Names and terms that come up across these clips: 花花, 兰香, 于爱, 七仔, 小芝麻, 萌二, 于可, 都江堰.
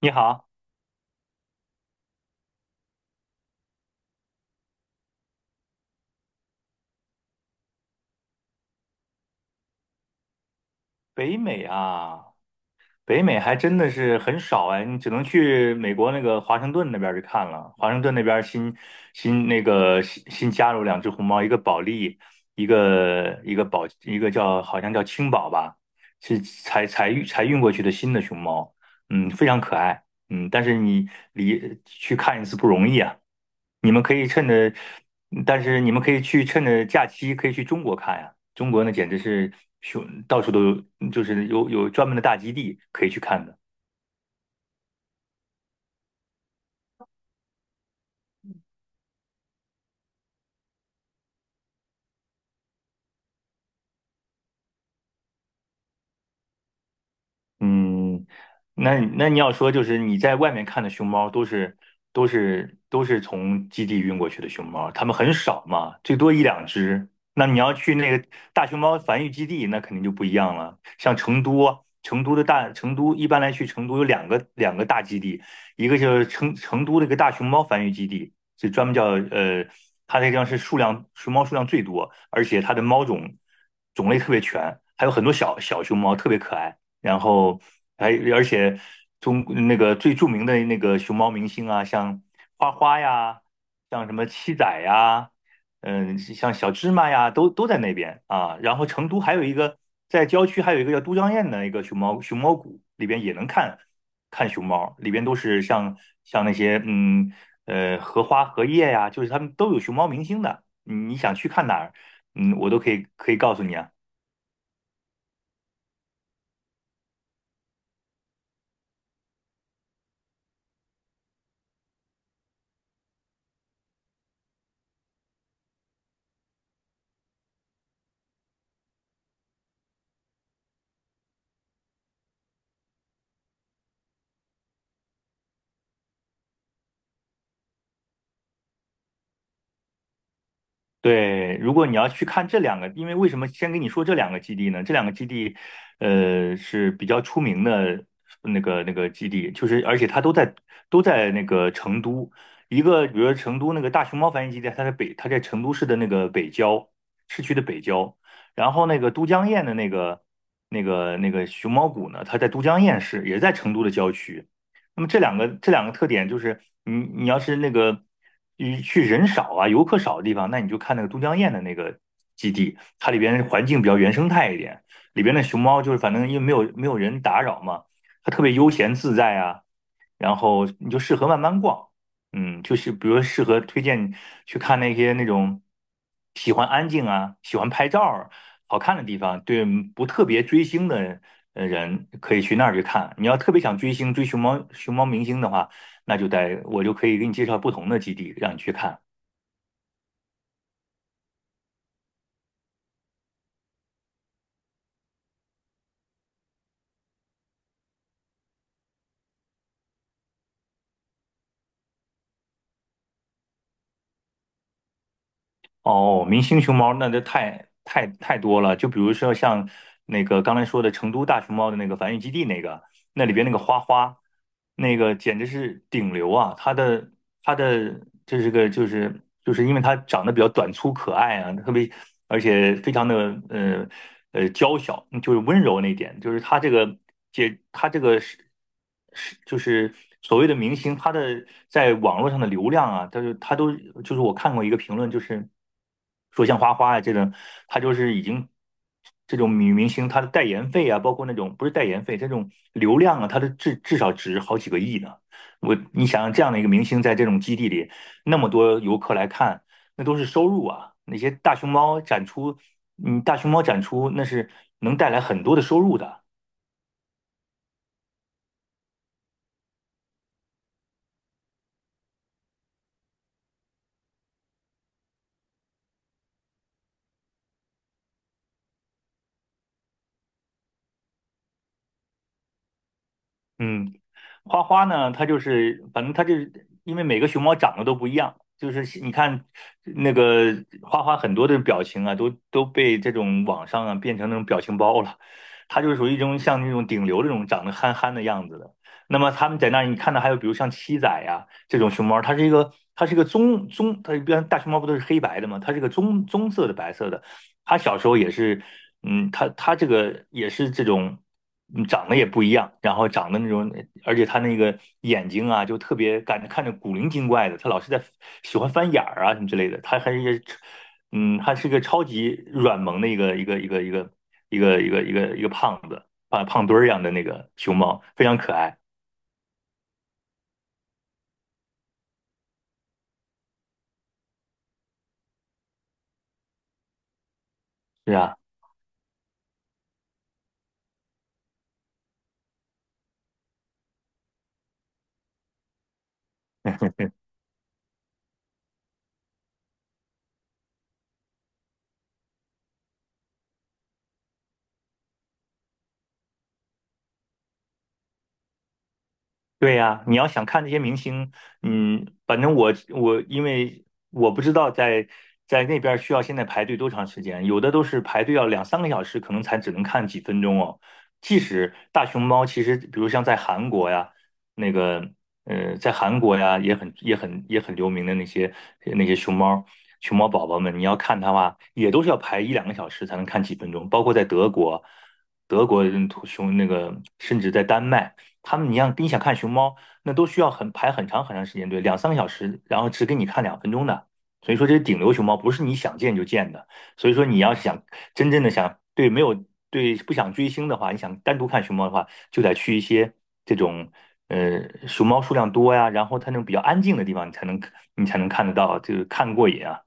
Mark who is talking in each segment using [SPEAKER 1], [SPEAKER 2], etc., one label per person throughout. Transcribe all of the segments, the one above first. [SPEAKER 1] 你好，北美啊，北美还真的是很少哎，你只能去美国那个华盛顿那边儿去看了。华盛顿那边儿新新那个新新加入两只红猫，一个保利，一个宝，一个叫好像叫青宝吧，是才运过去的新的熊猫，嗯，非常可爱。嗯，但是你离去看一次不容易啊。你们可以趁着，但是你们可以去趁着假期可以去中国看呀、中国那简直是熊，到处都有，就是有专门的大基地可以去看的。嗯，那你要说就是你在外面看的熊猫都是从基地运过去的熊猫，它们很少嘛，最多一两只。那你要去那个大熊猫繁育基地，那肯定就不一样了。像成都，成都的大成都一般来去成都有两个大基地，一个就是成都那个大熊猫繁育基地，是专门叫呃，它那个地方是数量熊猫数量最多，而且它的猫种种类特别全，还有很多小小熊猫特别可爱。然后还而且中那个最著名的那个熊猫明星啊，像花花呀，像什么七仔呀，嗯，像小芝麻呀，都在那边啊。然后成都还有一个在郊区还有一个叫都江堰的一个熊猫谷，里边也能看熊猫，里边都是像像那些荷花荷叶呀，就是他们都有熊猫明星的。你你想去看哪儿，嗯，我都可以告诉你啊。对，如果你要去看这两个，因为为什么先跟你说这两个基地呢？这两个基地，呃，是比较出名的那个基地，就是而且它都在都在那个成都，一个比如说成都那个大熊猫繁育基地，它在北，它在成都市的那个北郊市区的北郊，然后那个都江堰的那个那个熊猫谷呢，它在都江堰市，也在成都的郊区。那么这两个特点就是，你你要是那个你去人少啊、游客少的地方，那你就看那个都江堰的那个基地，它里边环境比较原生态一点，里边的熊猫就是反正因为没有人打扰嘛，它特别悠闲自在啊。然后你就适合慢慢逛，嗯，就是比如说适合推荐去看那些那种喜欢安静啊、喜欢拍照儿好看的地方，对不特别追星的人可以去那儿去看。你要特别想追星、追熊猫明星的话，那就得我就可以给你介绍不同的基地让你去看。哦，明星熊猫那就太多了，就比如说像那个刚才说的成都大熊猫的那个繁育基地那个。那里边那个花花，那个简直是顶流啊！它的这是个就是就是因为它长得比较短粗可爱啊，特别而且非常的呃娇小，就是温柔那一点，就是它这个姐它这个是是就是所谓的明星，他的在网络上的流量啊，他就他都就是我看过一个评论，就是说像花花啊这种，他就是已经。这种女明星她的代言费啊，包括那种不是代言费，这种流量啊，她的至少值好几个亿呢。我你想想这样的一个明星在这种基地里，那么多游客来看，那都是收入啊。那些大熊猫展出，嗯，大熊猫展出那是能带来很多的收入的。嗯，花花呢，它就是反正它就是因为每个熊猫长得都不一样，就是你看那个花花很多的表情啊，都被这种网上啊变成那种表情包了。它就是属于一种像那种顶流这种长得憨憨的样子的。那么他们在那儿，你看到还有比如像七仔呀、这种熊猫，它是一个棕棕，它一般大熊猫不都是黑白的吗？它是一个棕棕色的白色的，他小时候也是，嗯，他他这个也是这种，嗯长得也不一样，然后长得那种，而且他那个眼睛啊，就特别感觉看着古灵精怪的，他老是在喜欢翻眼儿啊什么之类的，他还是一个，嗯，他是个超级软萌的一个胖子，胖胖墩儿一样的那个熊猫，非常可爱，是啊。对呀，你要想看那些明星，嗯，反正我因为我不知道在在那边需要现在排队多长时间，有的都是排队要两三个小时，可能才只能看几分钟哦。即使大熊猫，其实比如像在韩国呀，那个呃，在韩国呀也很流名的那些那些熊猫宝宝们，你要看它的话，也都是要排一两个小时才能看几分钟，包括在德国，德国人图熊那个甚至在丹麦。他们，你像你想看熊猫，那都需要很排很长时间队，两三个小时，然后只给你看两分钟的。所以说，这是顶流熊猫不是你想见就见的。所以说，你要想真正的想对没有对不想追星的话，你想单独看熊猫的话，就得去一些这种呃熊猫数量多呀，然后它那种比较安静的地方，你才能看得到，就是看过瘾啊。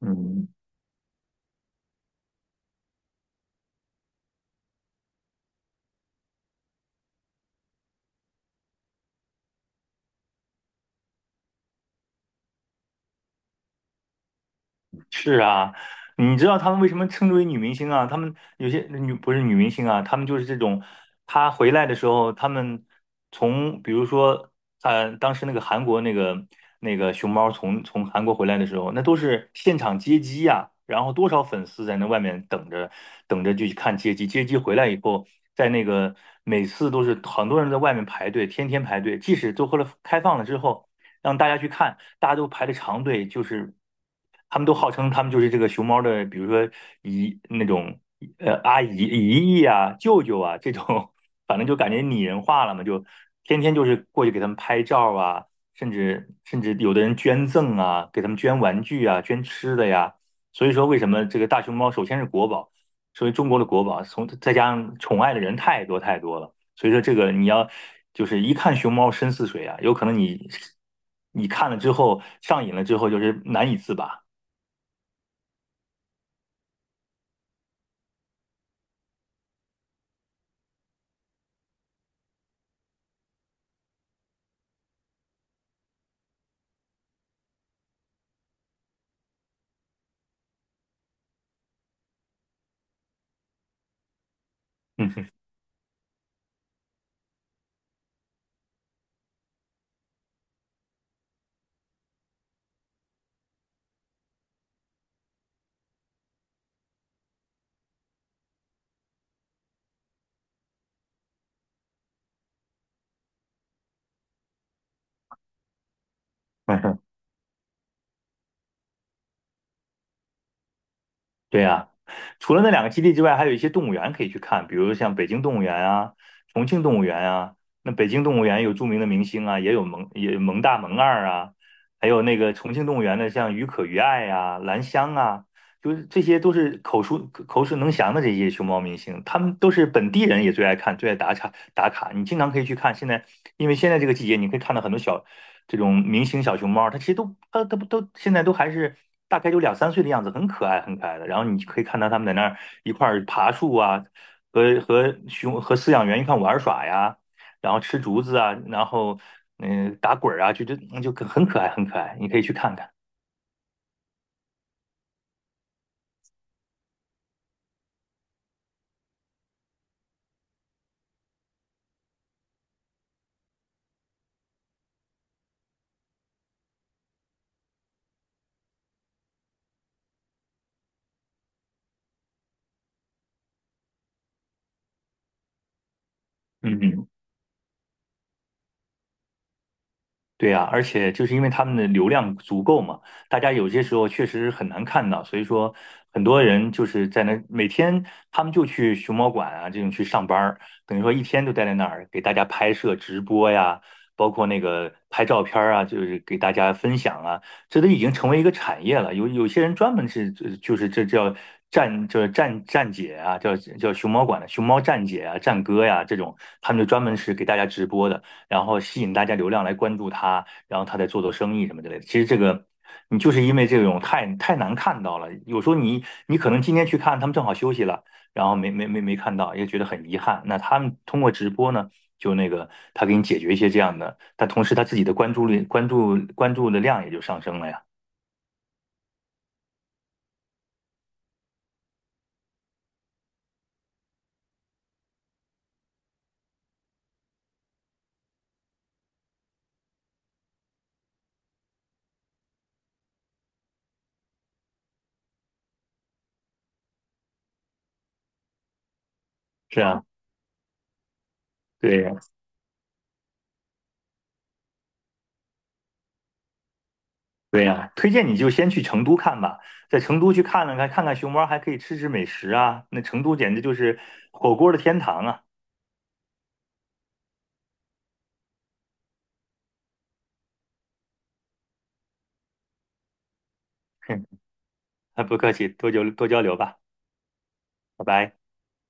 [SPEAKER 1] 嗯，是啊，你知道他们为什么称之为女明星啊？他们有些女不是女明星啊，他们就是这种，她回来的时候，他们从比如说，呃，当时那个韩国那个那个熊猫从韩国回来的时候，那都是现场接机呀、然后多少粉丝在那外面等着就去看接机，接机回来以后，在那个每次都是很多人在外面排队，天天排队，即使都后了开放了之后。让大家去看，大家都排着长队，就是他们都号称他们就是这个熊猫的，比如说姨那种阿姨、姨姨啊、舅舅啊这种，反正就感觉拟人化了嘛，就天天就是过去给他们拍照啊，甚至有的人捐赠啊，给他们捐玩具啊、捐吃的呀。所以说，为什么这个大熊猫首先是国宝，所以中国的国宝，从再加上宠爱的人太多了。所以说这个你要就是一看熊猫深似水啊，有可能你你看了之后上瘾了之后，就是难以自拔。嗯哼对呀，除了那两个基地之外，还有一些动物园可以去看，比如像北京动物园啊、重庆动物园啊。那北京动物园有著名的明星啊，也有萌也萌大、萌二啊，还有那个重庆动物园的像于可于爱啊、兰香啊，就是这些都是口述能详的这些熊猫明星，他们都是本地人也最爱看、最爱打卡。你经常可以去看，现在因为现在这个季节，你可以看到很多小这种明星小熊猫，它其实都它它不都现在都还是大概有两三岁的样子，很可爱的。然后你可以看到它们在那儿一块儿爬树啊，和熊和饲养员一块玩耍呀，然后吃竹子啊，然后打滚儿啊，就很可爱，你可以去看看。嗯嗯。对呀，而且就是因为他们的流量足够嘛，大家有些时候确实很难看到，所以说很多人就是在那每天他们就去熊猫馆啊这种去上班儿，等于说一天都待在那儿给大家拍摄直播呀，包括那个拍照片儿啊，就是给大家分享啊，这都已经成为一个产业了。有些人专门是就是这叫站姐啊，叫熊猫馆的熊猫站姐啊、站哥呀这种，他们就专门是给大家直播的。然后吸引大家流量来关注他，然后他再做生意什么之类的。其实这个你就是因为这种太难看到了，有时候你你可能今天去看，他们正好休息了，然后没看到，也觉得很遗憾。那他们通过直播呢，就那个他给你解决一些这样的，但同时他自己的关注率、关注的量也就上升了呀。是啊，对呀，对呀，推荐你就先去成都看吧，在成都去看了看，看看熊猫，还可以吃吃美食啊。那成都简直就是火锅的天堂啊！啊，不客气，多交流吧，拜拜。